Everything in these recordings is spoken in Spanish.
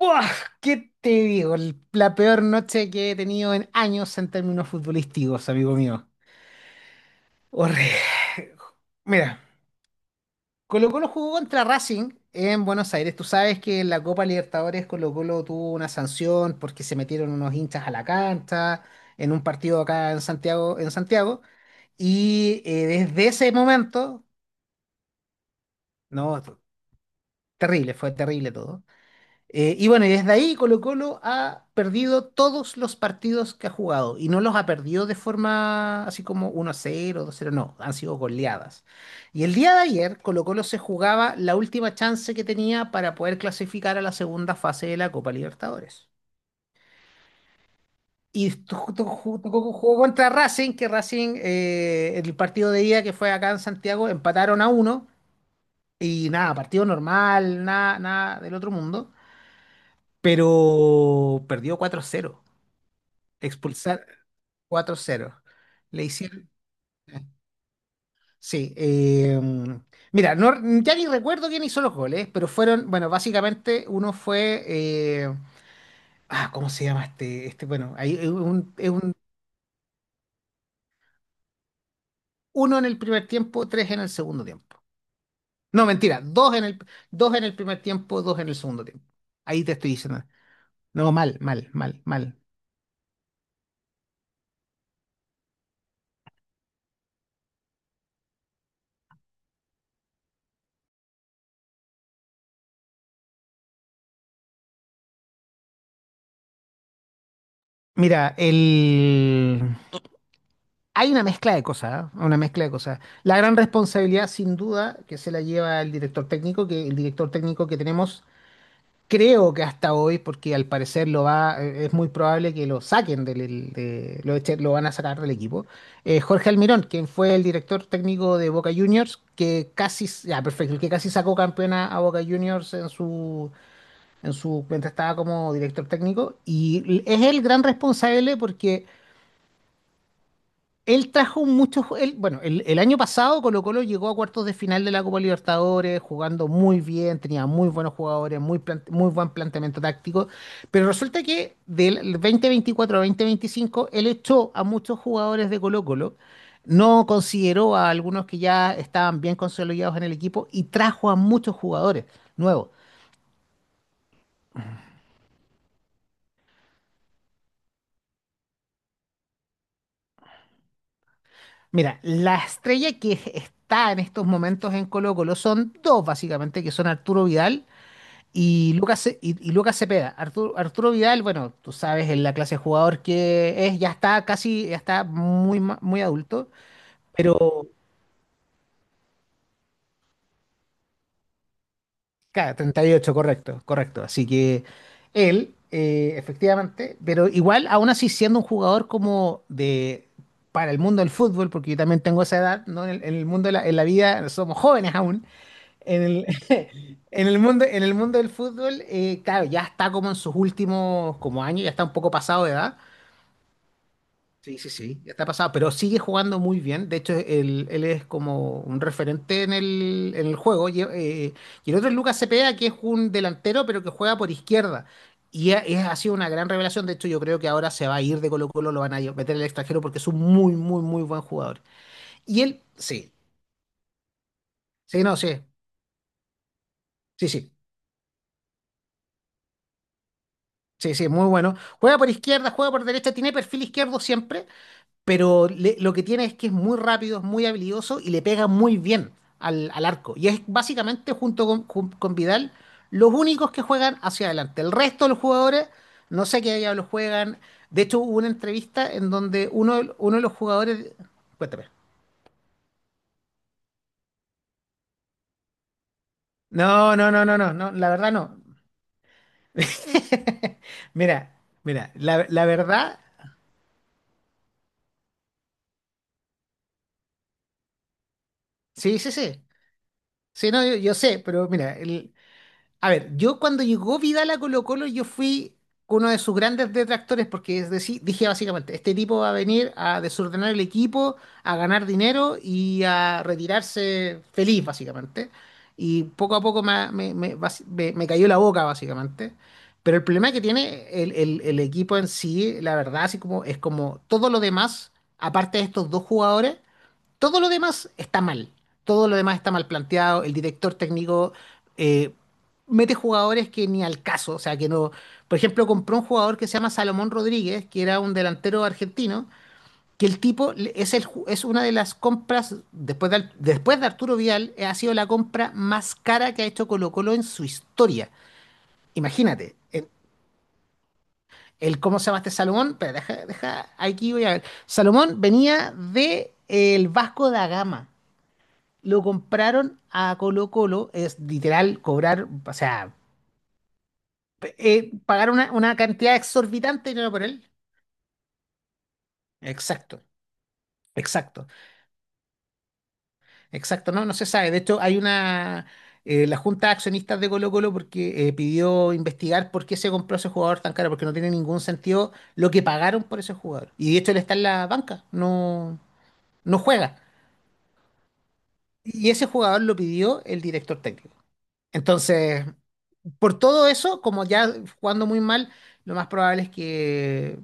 ¡Buah! ¿Qué te digo? La peor noche que he tenido en años en términos futbolísticos, amigo mío. Horrible. Mira, Colo Colo jugó contra Racing en Buenos Aires. Tú sabes que en la Copa Libertadores Colo Colo tuvo una sanción porque se metieron unos hinchas a la cancha en un partido acá en Santiago, en Santiago. Desde ese momento, no, terrible, fue terrible todo. Y bueno, y desde ahí Colo Colo ha perdido todos los partidos que ha jugado, y no los ha perdido de forma así como 1-0, 2-0, no, han sido goleadas. Y el día de ayer Colo Colo se jugaba la última chance que tenía para poder clasificar a la segunda fase de la Copa Libertadores. Jugó contra Racing, que Racing, el partido de ida que fue acá en Santiago, empataron a uno y nada, partido normal, nada, nada del otro mundo, pero perdió 4-0. Expulsar, cuatro 0 le hicieron. Sí, mira, no, ya ni recuerdo quién hizo los goles, pero fueron. Bueno, básicamente uno fue, ¿cómo se llama este? Este, bueno, ahí es un, uno en el primer tiempo, tres en el segundo tiempo. No, mentira, dos en el primer tiempo, dos en el segundo tiempo. Ahí te estoy diciendo. No, mal, mal, mal, mal. Mira, el. hay una mezcla de cosas, ¿ah? Una mezcla de cosas. La gran responsabilidad, sin duda, que se la lleva el director técnico, que tenemos, creo que hasta hoy, porque al parecer lo va, es muy probable que lo saquen del, el- de, lo, echen- lo van a sacar del equipo. Jorge Almirón, quien fue el director técnico de Boca Juniors, que casi, ya, perfecto, que casi sacó campeona a Boca Juniors en su, mientras estaba como director técnico, y es el gran responsable porque él trajo muchos. Ju- él, bueno, el año pasado Colo-Colo llegó a cuartos de final de la Copa Libertadores, jugando muy bien, tenía muy buenos jugadores, muy buen planteamiento táctico. Pero resulta que del 2024 a 2025, él echó a muchos jugadores de Colo-Colo, no consideró a algunos que ya estaban bien consolidados en el equipo y trajo a muchos jugadores nuevos. Mira, la estrella que está en estos momentos en Colo-Colo son dos, básicamente, que son Arturo Vidal y y Lucas Cepeda. Arturo Vidal, bueno, tú sabes, en la clase de jugador que es, ya está casi, muy adulto, pero, claro, 38, correcto, correcto. Así que él, efectivamente, pero igual, aún así, siendo un jugador como de, para el mundo del fútbol, porque yo también tengo esa edad, ¿no? En el mundo de la, en la vida, somos jóvenes aún, en el, en el mundo, en el mundo del fútbol, claro, ya está como en sus últimos como años, ya está un poco pasado de edad, sí, sí, sí, ya está pasado, pero sigue jugando muy bien. De hecho, él es como un referente en el juego. Y el otro es Lucas Cepeda, que es un delantero, pero que juega por izquierda. Ha sido una gran revelación. De hecho, yo creo que ahora se va a ir de Colo-Colo, lo van a meter al extranjero porque es un muy, muy, muy buen jugador. Y él, sí, sí, no, sí, sí, sí, sí, sí, muy bueno. Juega por izquierda, juega por derecha, tiene perfil izquierdo siempre, lo que tiene es que es muy rápido, es muy habilidoso y le pega muy bien al arco. Y es básicamente con Vidal los únicos que juegan hacia adelante. El resto de los jugadores, no sé qué diablos juegan. De hecho, hubo una entrevista en donde uno, uno de los jugadores... Cuéntame. No, no, no, no, no, no, la verdad no. Mira, mira, la verdad, sí, sí, sí. Sí, no, yo sé, pero mira, a ver, yo cuando llegó Vidal a Colo-Colo, yo fui uno de sus grandes detractores porque, es decir, dije básicamente, este tipo va a venir a desordenar el equipo, a ganar dinero y a retirarse feliz, básicamente. Y poco a poco me, me- me- basi- me- me cayó la boca, básicamente. Pero el problema que tiene el equipo en sí, la verdad, así como es, como todo lo demás, aparte de estos dos jugadores. Todo lo demás está mal. Todo lo demás está mal planteado. El director técnico eh, mete jugadores que ni al caso. O sea, que no. Por ejemplo, compró un jugador que se llama Salomón Rodríguez, que era un delantero argentino, que el tipo le- es, el, ju- es una de las compras, después de Arturo Vidal, ha sido la compra más cara que ha hecho Colo Colo en su historia. Imagínate. El, ¿cómo se llama este Salomón? Espera, deja, deja, aquí voy a ver. Salomón venía de, el Vasco da Gama. Lo compraron a Colo Colo, es literal cobrar, o sea, pagar una cantidad exorbitante de dinero por él. Exacto, exacto, exacto, no, no se sabe. De hecho, hay una, la Junta de Accionistas de Colo Colo, porque pidió investigar por qué se compró ese jugador tan caro, porque no tiene ningún sentido lo que pagaron por ese jugador. Y de hecho, él está en la banca, no, no juega. Y ese jugador lo pidió el director técnico. Entonces... Por todo eso, como ya jugando muy mal, lo más probable es que,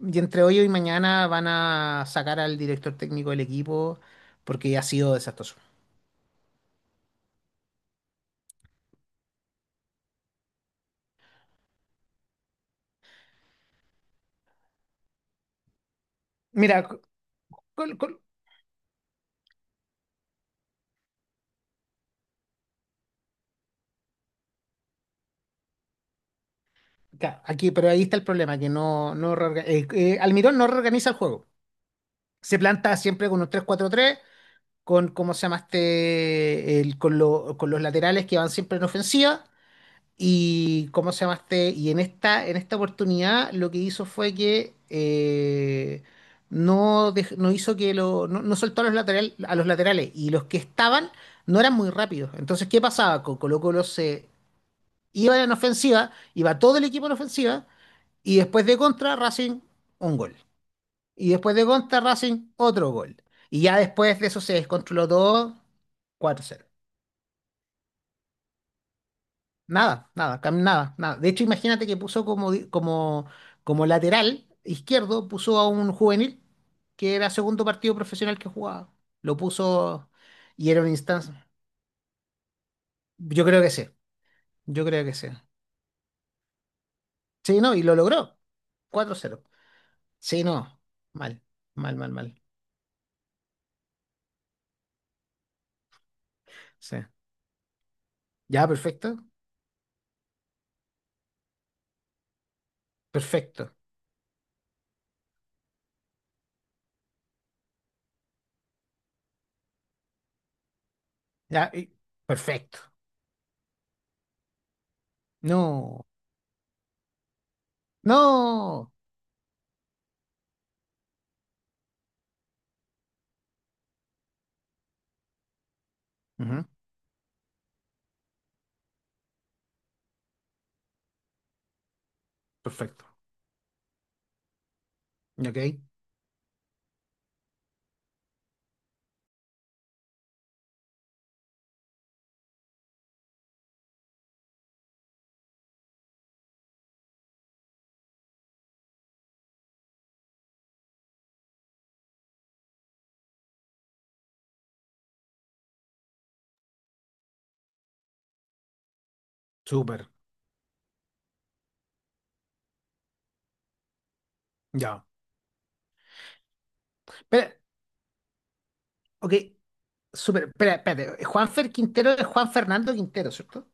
y entre hoy y mañana van a sacar al director técnico del equipo porque ya ha sido desastroso. Mira, col- col- ya, aquí, pero ahí está el problema, que no, Almirón no reorganiza el juego. Se planta siempre con un 3-4-3, con, ¿cómo se llama este? El, con, con los laterales que van siempre en ofensiva. Y cómo se llamaste, y en esta oportunidad lo que hizo fue que, no, no hizo que lo, no, no soltó a los lateral- a los laterales, y los que estaban no eran muy rápidos. Entonces, ¿qué pasaba? Colo Colo se iba en ofensiva, iba todo el equipo en ofensiva, y después de contra Racing, un gol. Y después de contra Racing, otro gol. Y ya después de eso se descontroló todo. 4-0. Nada, nada, nada, nada. De hecho, imagínate que puso como, como, como lateral izquierdo, puso a un juvenil que era segundo partido profesional que jugaba. Lo puso, y era una instancia. Yo creo que sí, yo creo que sí. Sí, no, y lo logró. 4-0. Sí, no, mal, mal, mal, mal. Sí. Ya, perfecto, perfecto. Ya, y- perfecto. No, no. Ujú. Perfecto. Ok, súper. Ya. Pero, ok. Súper, espera, espérate. Juanfer Quintero es Juan Fernando Quintero, ¿cierto?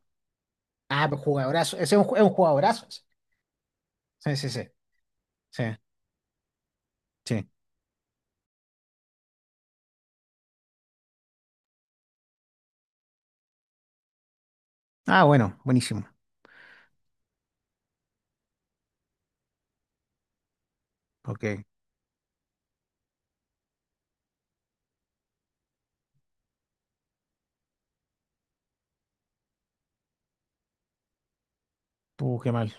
Ah, pues jugadorazo. Ese es un, ju- es un jugadorazo. Ese. Sí, sí, sí. Sí, sí. Ah, bueno, buenísimo. Ok. Qué mal.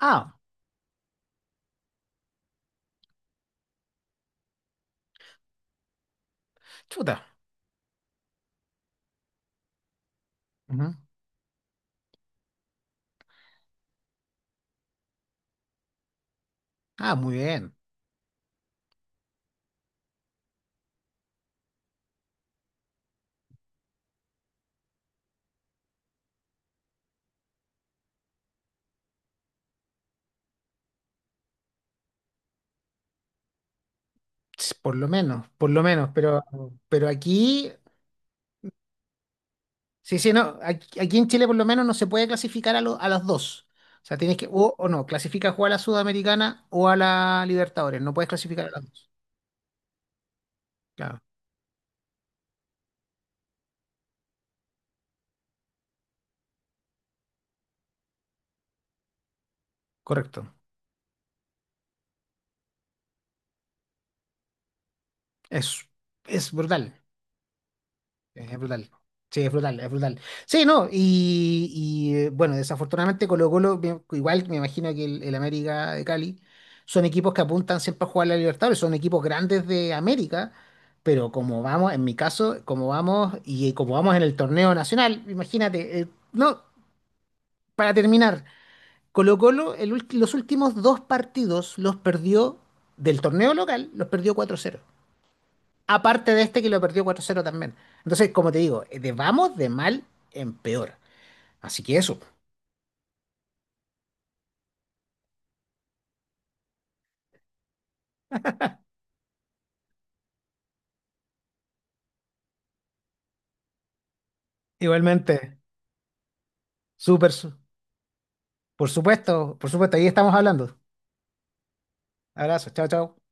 Ah, chuta. Ujú. Ah, muy bien. Ts, por lo menos, por lo menos. Pero aquí, sí, sí, no. Aquí, aquí en Chile por lo menos no se puede clasificar a, a las dos. O sea, tienes que, o no, clasificas o a la Sudamericana o a la Libertadores. No puedes clasificar a las dos. Claro, correcto. Es, es brutal. Es brutal. Sí, es brutal, es brutal. Sí, no, y, bueno, desafortunadamente Colo-Colo, igual me imagino que el América de Cali, son equipos que apuntan siempre a jugar la Libertadores, son equipos grandes de América, pero como vamos, en mi caso, como vamos, y como vamos en el torneo nacional, imagínate, no, para terminar, Colo-Colo los últimos dos partidos los perdió del torneo local, los perdió 4-0. Aparte de este que lo perdió 4-0 también. Entonces, como te digo, de vamos de mal en peor. Así que eso. Igualmente, súper, su- por supuesto, ahí estamos hablando. Abrazo, chao, chao.